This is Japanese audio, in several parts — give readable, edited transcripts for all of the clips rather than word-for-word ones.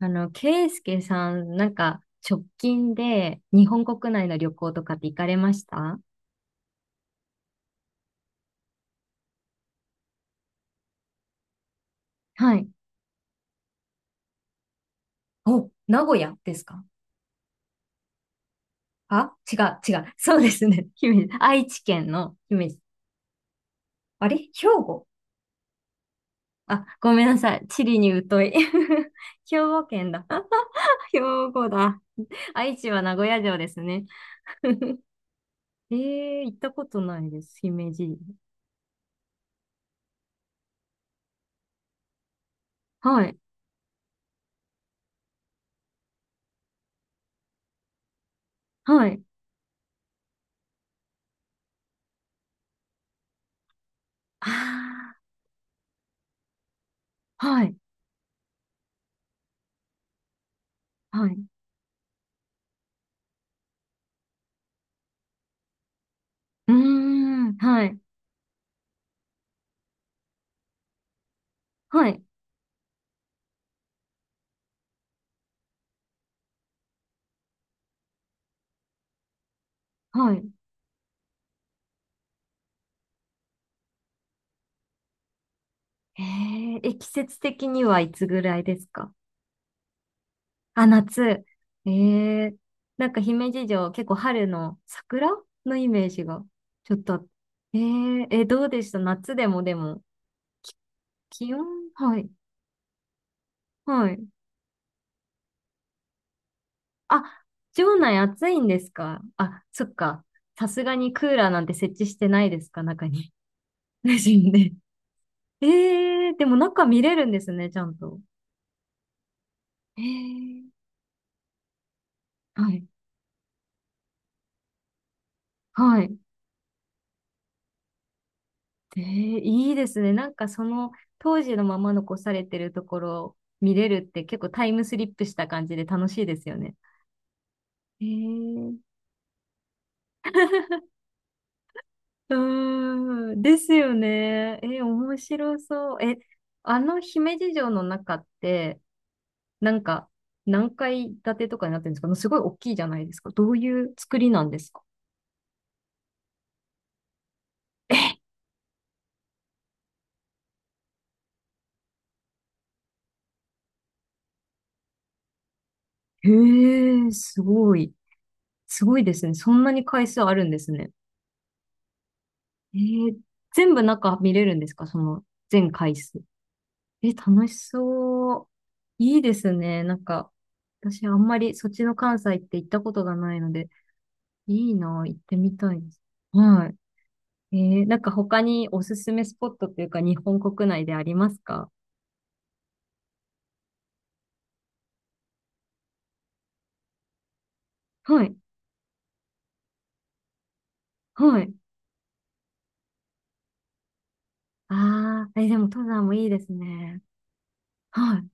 ケイスケさん、なんか、直近で日本国内の旅行とかって行かれましたはい。お、名古屋ですか？あ、違う、違う。そうですね。姫路。愛知県の姫路。あれ兵庫？あ、ごめんなさい。地理に疎い。兵庫県だ。兵庫だ。愛知は名古屋城ですね。行ったことないです。姫路。はい、はい。あー、はい、はい。うーん、はい、はい。はい。季節的にはいつぐらいですか？あ、夏。えー、なんか姫路城、結構春の桜のイメージがちょっとどうでした、夏でも、でも、気温。はい、はい。あ、城内暑いんですか？あ、そっか。さすがにクーラーなんて設置してないですか、中に。無心ですよね。でも中見れるんですね、ちゃんと。えー、はい、はい。えー、いいですね。なんかその当時のまま残されてるところを見れるって、結構タイムスリップした感じで楽しいですよね。えー、うーん、ですよね。え、面白そう。え、あの姫路城の中って、なんか何階建てとかになってるんですか？すごい大きいじゃないですか。どういう作りなんですか？え、へえ、すごい。すごいですね。そんなに階数あるんですね。えー、全部中見れるんですか、その全回数？え、楽しそう。いいですね。なんか、私あんまりそっちの関西って行ったことがないので、いいな、行ってみたいです。はい。なんか他におすすめスポットっていうか、日本国内でありますか？はい。はい。ああ、え、でも登山もいいですね。はい。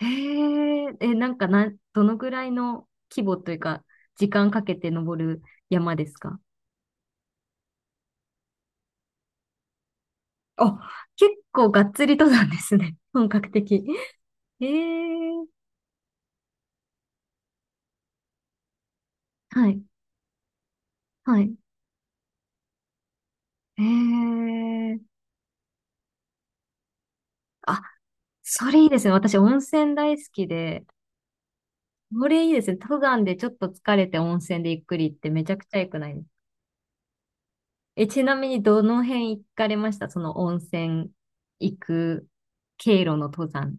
えなんかな、どのぐらいの規模というか、時間かけて登る山ですか？あ、結構がっつり登山ですね。本格的。ええ、はい、はい。ええ、あ、それいいですね。私、温泉大好きで。これいいですね。登山でちょっと疲れて温泉でゆっくりって、めちゃくちゃ良くないですえ、ちなみにどの辺行かれましたその温泉行く経路の登山？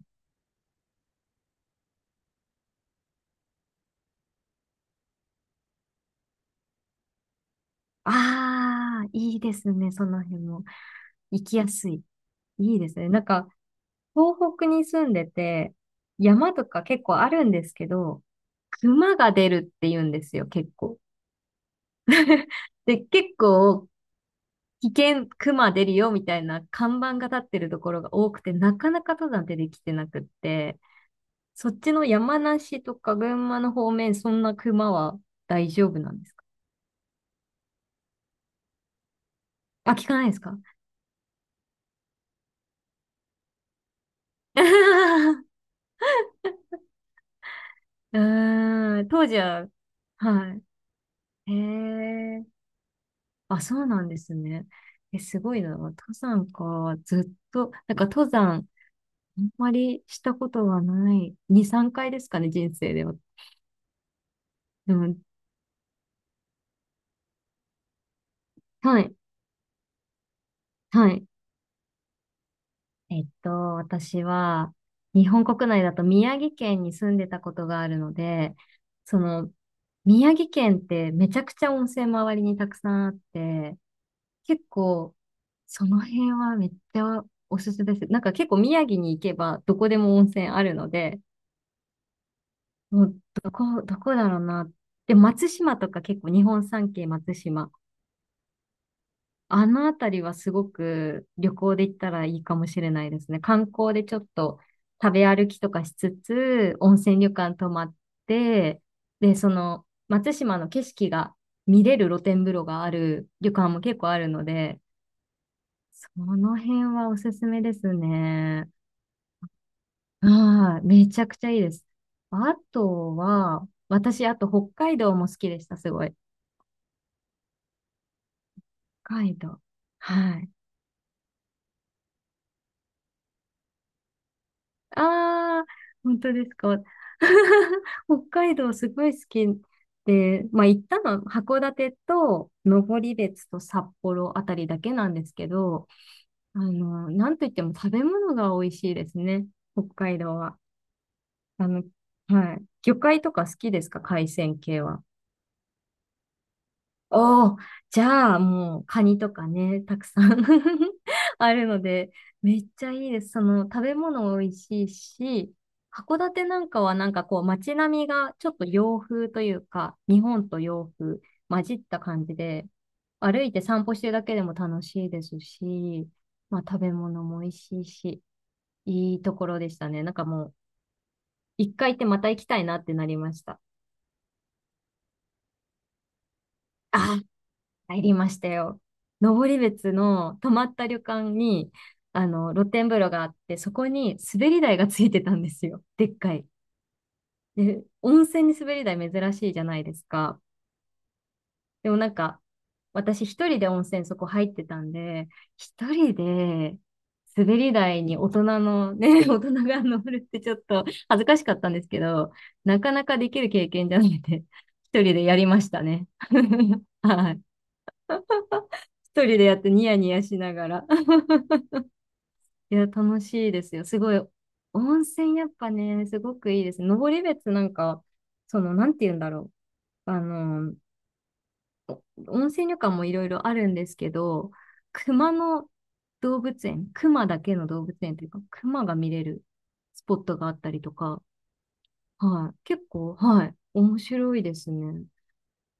ああ、いいですね。その辺も。行きやすい。いいですね。なんか、東北に住んでて、山とか結構あるんですけど、熊が出るって言うんですよ、結構。で、結構、危険、熊出るよ、みたいな看板が立ってるところが多くて、なかなか登山出てきてなくって、そっちの山梨とか群馬の方面、そんな熊は大丈夫なんですか？あ、聞かないですか？ うーん、当時は、はい。へえ。あ、そうなんですね。え、すごいな。登山か。ずっと、なんか登山、あんまりしたことがない。2、3回ですかね、人生では。でも、はい、はい。えっと、私は、日本国内だと宮城県に住んでたことがあるので、その、宮城県ってめちゃくちゃ温泉周りにたくさんあって、結構、その辺はめっちゃおすすめです。なんか結構宮城に行けばどこでも温泉あるので、もうどこ、どこだろうな。で、松島とか、結構日本三景松島。あのあたりはすごく旅行で行ったらいいかもしれないですね。観光でちょっと食べ歩きとかしつつ、温泉旅館泊まって、で、その松島の景色が見れる露天風呂がある旅館も結構あるので、その辺はおすすめですね。ああ、めちゃくちゃいいです。あとは、私、あと北海道も好きでした、すごい。海道。はい。ああ、本当ですか？北海道すごい好きで、まあ行ったのは函館と登別と札幌あたりだけなんですけど、あの、なんといっても食べ物が美味しいですね。北海道は。あの、はい。魚介とか好きですか、海鮮系は？おー、じゃあもうカニとかね、たくさん あるので、めっちゃいいです。その食べ物美味しいし、函館なんかは、なんかこう街並みがちょっと洋風というか、日本と洋風混じった感じで、歩いて散歩してるだけでも楽しいですし、まあ食べ物も美味しいし、いいところでしたね。なんかもう一回行ってまた行きたいなってなりました。あ、入りましたよ。登別の泊まった旅館に、露天風呂があって、そこに滑り台がついてたんですよ。でっかい。で、温泉に滑り台珍しいじゃないですか。でもなんか、私一人で温泉そこ入ってたんで、一人で滑り台に大人のね、大人が乗るってちょっと恥ずかしかったんですけど、なかなかできる経験じゃなくて、一人でやりましたね。はい。一人でやってニヤニヤしながら。いや、楽しいですよ。すごい。温泉やっぱね、すごくいいです。登別なんか、その、なんて言うんだろう。お温泉旅館もいろいろあるんですけど、熊の動物園、熊だけの動物園というか、熊が見れるスポットがあったりとか、はい。結構、はい。面白いですね。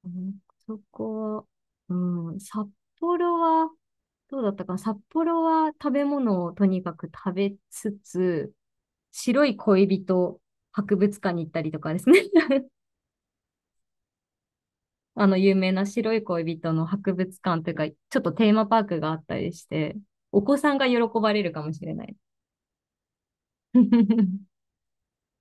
うん、そこは、うん、札幌は、どうだったかな。札幌は食べ物をとにかく食べつつ、白い恋人博物館に行ったりとかですね。あの、有名な白い恋人の博物館というか、ちょっとテーマパークがあったりして、お子さんが喜ばれるかもしれない。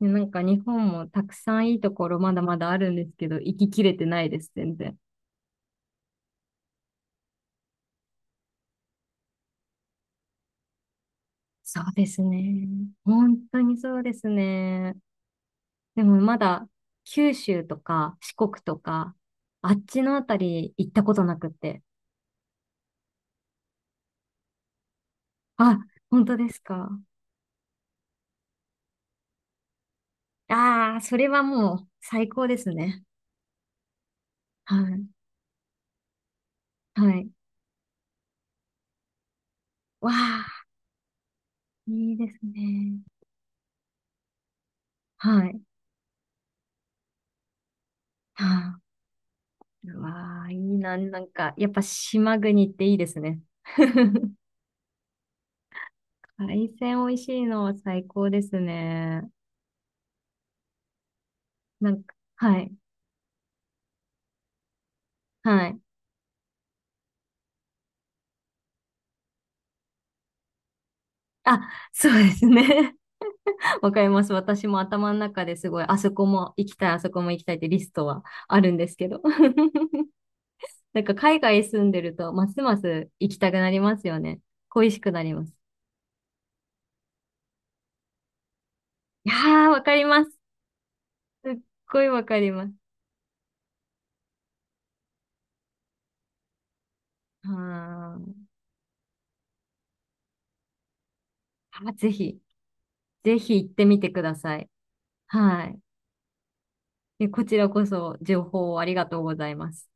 で、なんか日本もたくさんいいところまだまだあるんですけど、行ききれてないです、全然。そうですね。本当にそうですね。でもまだ九州とか四国とか、あっちのあたり行ったことなくって。あ、本当ですか？ああ、それはもう最高ですね。はい。はい。わあ、いいですね。はい。はあ、うわあ、いいな。なんか、やっぱ島国っていいですね。海鮮美味しいのは最高ですね。なんか、はい。はい。あ、そうですね。わかります。私も頭の中ですごい、あそこも行きたい、あそこも行きたいってリストはあるんですけど。なんか海外住んでると、ますます行きたくなりますよね。恋しくなります。いやー、わかります。すっごいわかります。はーあ。ぜひ、ぜひ行ってみてください。はい。え、こちらこそ情報をありがとうございます。